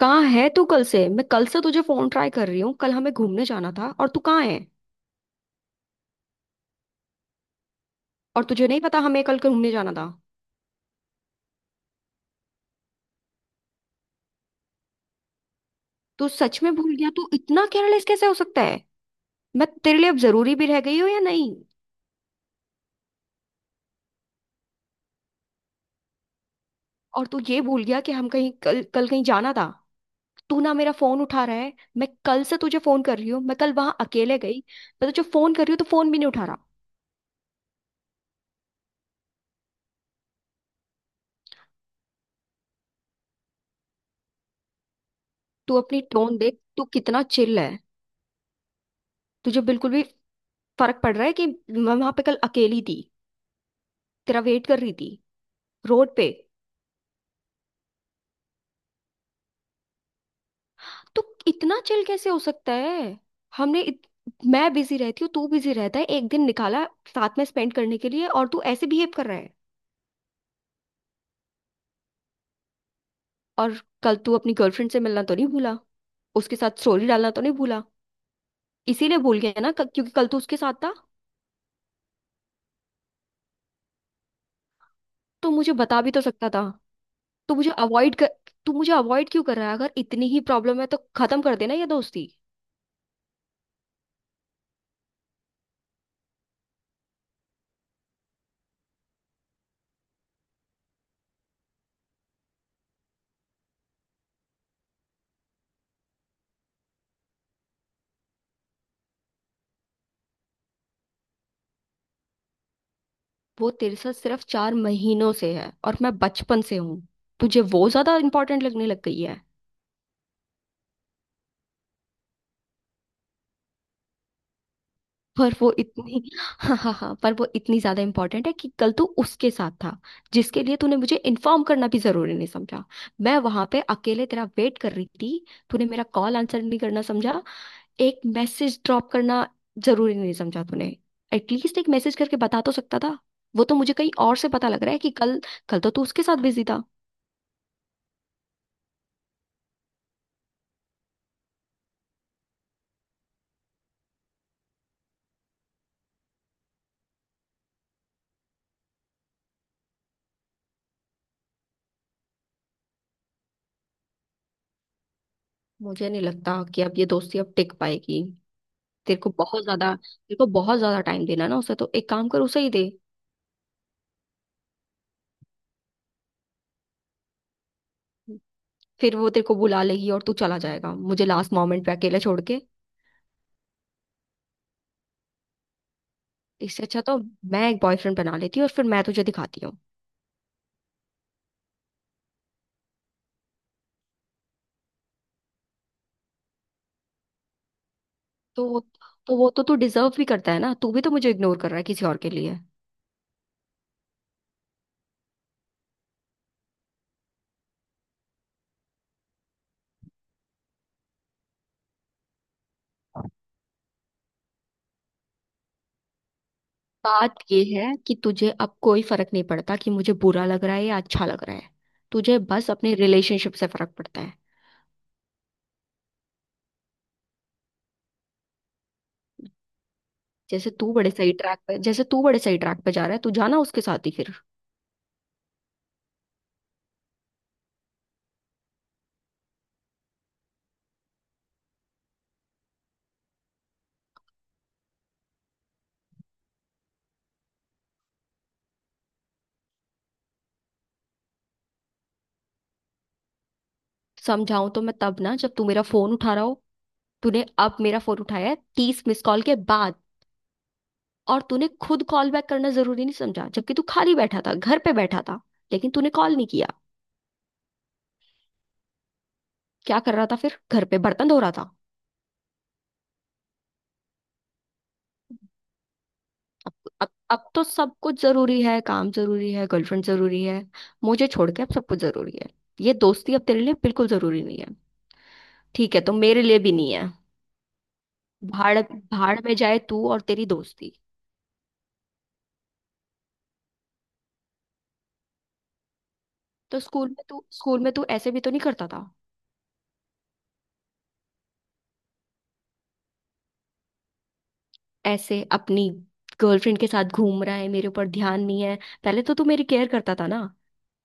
कहाँ है तू कल से? मैं कल से तुझे फोन ट्राई कर रही हूँ। कल हमें घूमने जाना था और तू कहाँ है? और तुझे नहीं पता हमें कल घूमने जाना था? तू सच में भूल गया? तू इतना केयरलेस कैसे हो सकता है? मैं तेरे लिए अब जरूरी भी रह गई हूँ या नहीं? और तू ये भूल गया कि हम कहीं कल कल कहीं जाना था। तू ना मेरा फोन उठा रहा है। मैं कल से तुझे फोन कर रही हूँ। मैं कल वहां अकेले गई। मैं तुझे फोन कर रही हूँ तो फोन भी नहीं उठा रहा। तू अपनी टोन देख, तू कितना चिल है। तुझे बिल्कुल भी फर्क पड़ रहा है कि मैं वहां पे कल अकेली थी, तेरा वेट कर रही थी रोड पे? तो इतना चिल कैसे हो सकता है? हमने इत... मैं बिजी रहती हूँ, तू बिजी रहता है, एक दिन निकाला साथ में स्पेंड करने के लिए और तू ऐसे बिहेव कर रहा है। और कल तू अपनी गर्लफ्रेंड से मिलना तो नहीं भूला, उसके साथ स्टोरी डालना तो नहीं भूला। इसीलिए भूल गया ना, क्योंकि कल तू उसके साथ था। तो मुझे बता भी तो सकता था, तो मुझे अवॉइड कर। तू मुझे अवॉइड क्यों कर रहा है? अगर इतनी ही प्रॉब्लम है तो खत्म कर देना ये दोस्ती। वो तेरे साथ सिर्फ चार महीनों से है और मैं बचपन से हूँ। तुझे वो ज्यादा इंपॉर्टेंट लगने लग गई है। पर वो इतनी हाँ, हाँ, हाँ, पर वो इतनी ज्यादा इंपॉर्टेंट है कि कल तू उसके साथ था, जिसके लिए तूने मुझे इन्फॉर्म करना भी जरूरी नहीं समझा। मैं वहां पे अकेले तेरा वेट कर रही थी, तूने मेरा कॉल आंसर नहीं करना समझा, एक मैसेज ड्रॉप करना जरूरी नहीं समझा तूने। एटलीस्ट एक मैसेज करके बता तो सकता था। वो तो मुझे कहीं और से पता लग रहा है कि कल, कल तो तू उसके साथ बिजी था। मुझे नहीं लगता कि अब ये दोस्ती अब टिक पाएगी। तेरे को बहुत ज्यादा टाइम देना ना उसे, तो एक काम कर, उसे ही दे। फिर वो तेरे को बुला लेगी और तू चला जाएगा मुझे लास्ट मोमेंट पे अकेले छोड़ के। इससे अच्छा तो मैं एक बॉयफ्रेंड बना लेती हूँ और फिर मैं तुझे दिखाती हूँ। तो वो तो वो तो तू डिजर्व भी करता है ना। तू भी तो मुझे इग्नोर कर रहा है किसी और के लिए। बात ये है कि तुझे अब कोई फर्क नहीं पड़ता कि मुझे बुरा लग रहा है या अच्छा लग रहा है। तुझे बस अपने रिलेशनशिप से फर्क पड़ता है। जैसे तू बड़े सही ट्रैक पे जैसे तू बड़े सही ट्रैक पे जा रहा है। तू जाना उसके साथ ही फिर। समझाऊं तो मैं तब ना जब तू मेरा फोन उठा रहा हो। तूने अब मेरा फोन उठाया है तीस मिस कॉल के बाद। और तूने खुद कॉल बैक करना जरूरी नहीं समझा, जबकि तू खाली बैठा था, घर पे बैठा था, लेकिन तूने कॉल नहीं किया। क्या कर रहा था फिर, घर पे बर्तन धो रहा था? अब अब तो सब कुछ जरूरी है। काम जरूरी है, गर्लफ्रेंड जरूरी है, मुझे छोड़ के अब सब कुछ जरूरी है। ये दोस्ती अब तेरे लिए बिल्कुल जरूरी नहीं है। ठीक है, तो मेरे लिए भी नहीं है। भाड़ भाड़ में जाए तू और तेरी दोस्ती। तो स्कूल में तू ऐसे भी तो नहीं करता था। ऐसे अपनी गर्लफ्रेंड के साथ घूम रहा है, मेरे ऊपर ध्यान नहीं है। पहले तो तू मेरी केयर करता था ना,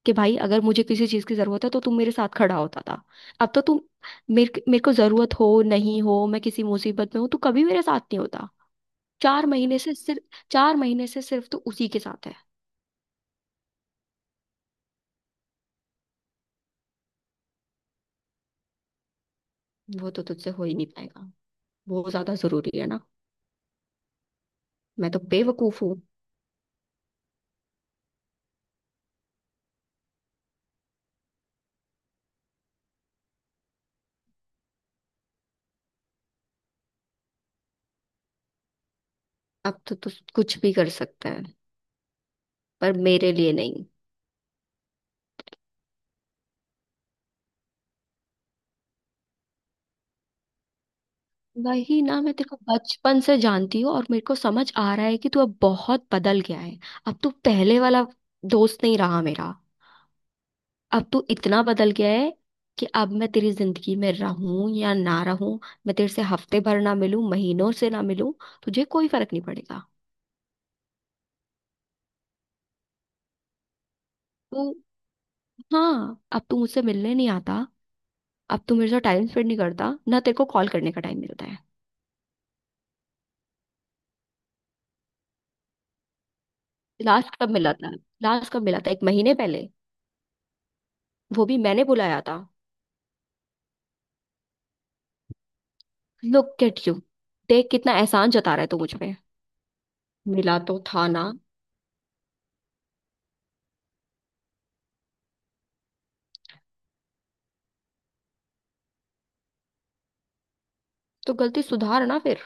कि भाई अगर मुझे किसी चीज की जरूरत है तो तुम मेरे साथ खड़ा होता था। अब तो तुम, मेरे मेरे को जरूरत हो नहीं हो, मैं किसी मुसीबत में हूं, तू कभी मेरे साथ नहीं होता। चार महीने से सिर्फ तू उसी के साथ है। वो तो तुझसे हो ही नहीं पाएगा, वो ज्यादा जरूरी है ना, मैं तो बेवकूफ हूँ। अब तो तू कुछ भी कर सकता है, पर मेरे लिए नहीं। वही ना, मैं तेरे को बचपन से जानती हूँ और मेरे को समझ आ रहा है कि तू अब बहुत बदल गया है। अब तू पहले वाला दोस्त नहीं रहा मेरा। अब तू इतना बदल गया है कि अब मैं तेरी जिंदगी में रहूं या ना रहूं, मैं तेरे से हफ्ते भर ना मिलूं, महीनों से ना मिलूं, तुझे कोई फर्क नहीं पड़ेगा। तू, हाँ, अब तू मुझसे मिलने नहीं आता। अब तू मेरे साथ टाइम स्पेंड नहीं करता, ना तेरे को कॉल करने का टाइम मिलता है। लास्ट कब मिला था? लास्ट कब मिला था, एक महीने पहले? वो भी मैंने बुलाया था। Look at you. देख कितना एहसान जता रहा है तू मुझ पे, मिला तो था ना। तो गलती सुधार ना फिर।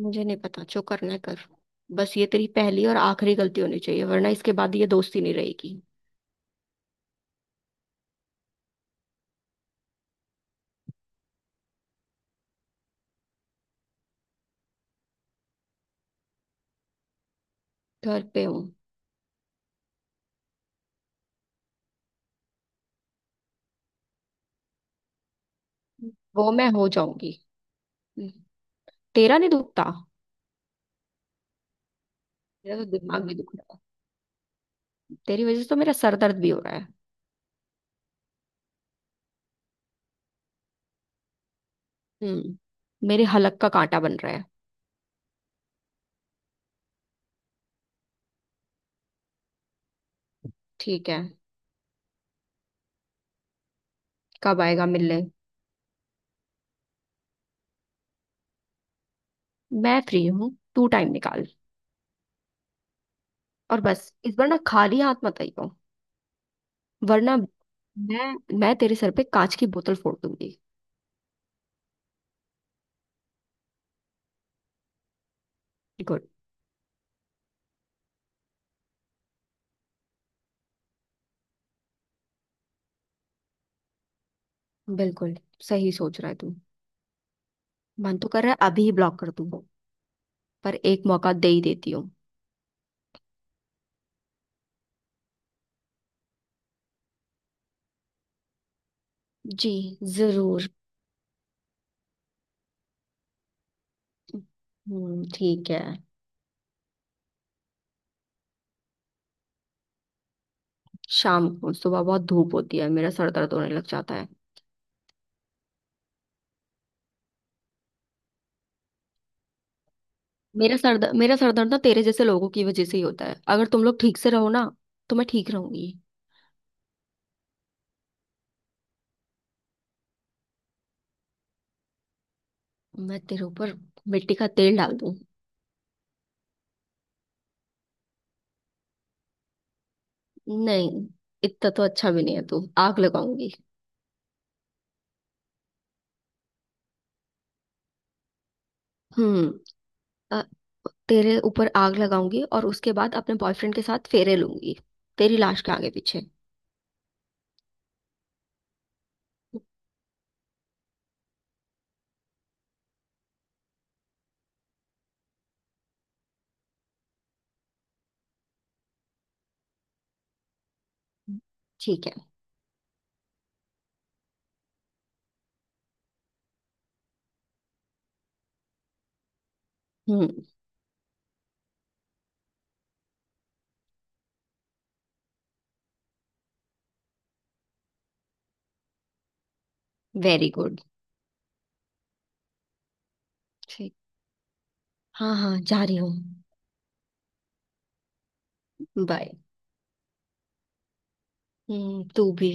मुझे नहीं पता, जो करना है कर। बस ये तेरी पहली और आखिरी गलती होनी चाहिए, वरना इसके बाद ये दोस्ती नहीं रहेगी। घर पे हूँ। वो मैं हो जाऊंगी। हम्म। तेरा नहीं दुखता? मेरा तो दिमाग नहीं दुख रहा है। तेरी वजह से तो मेरा सर दर्द भी हो रहा है। हम्म, मेरे हलक का कांटा बन रहा है। ठीक है। कब आएगा मिलने? मैं फ्री हूँ, तू टाइम निकाल। और बस इस बार ना खाली हाथ मत आइयो, वरना मैं मैं तेरे सर पे कांच की बोतल फोड़ दूंगी। गुड। बिल्कुल, सही सोच रहा है तू। मन तो कर रहा है अभी ही ब्लॉक कर दूं, पर एक मौका दे ही देती हूँ। जी, जरूर। हम्म, ठीक है। शाम को, सुबह बहुत धूप होती है, मेरा सर दर्द होने लग जाता है। मेरा सर दर्द ना तेरे जैसे लोगों की वजह से ही होता है। अगर तुम लोग ठीक से रहो ना तो मैं ठीक रहूंगी। मैं तेरे ऊपर मिट्टी का तेल डाल दूं? नहीं, इतना तो अच्छा भी नहीं है तू, आग लगाऊंगी। हम्म अ, तेरे ऊपर आग लगाऊंगी और उसके बाद अपने बॉयफ्रेंड के साथ फेरे लूंगी तेरी लाश के आगे पीछे। ठीक है। हम्म। Very good. ठीक। हाँ, हाँ, जा रही हूँ। बाय। हम्म, तू भी।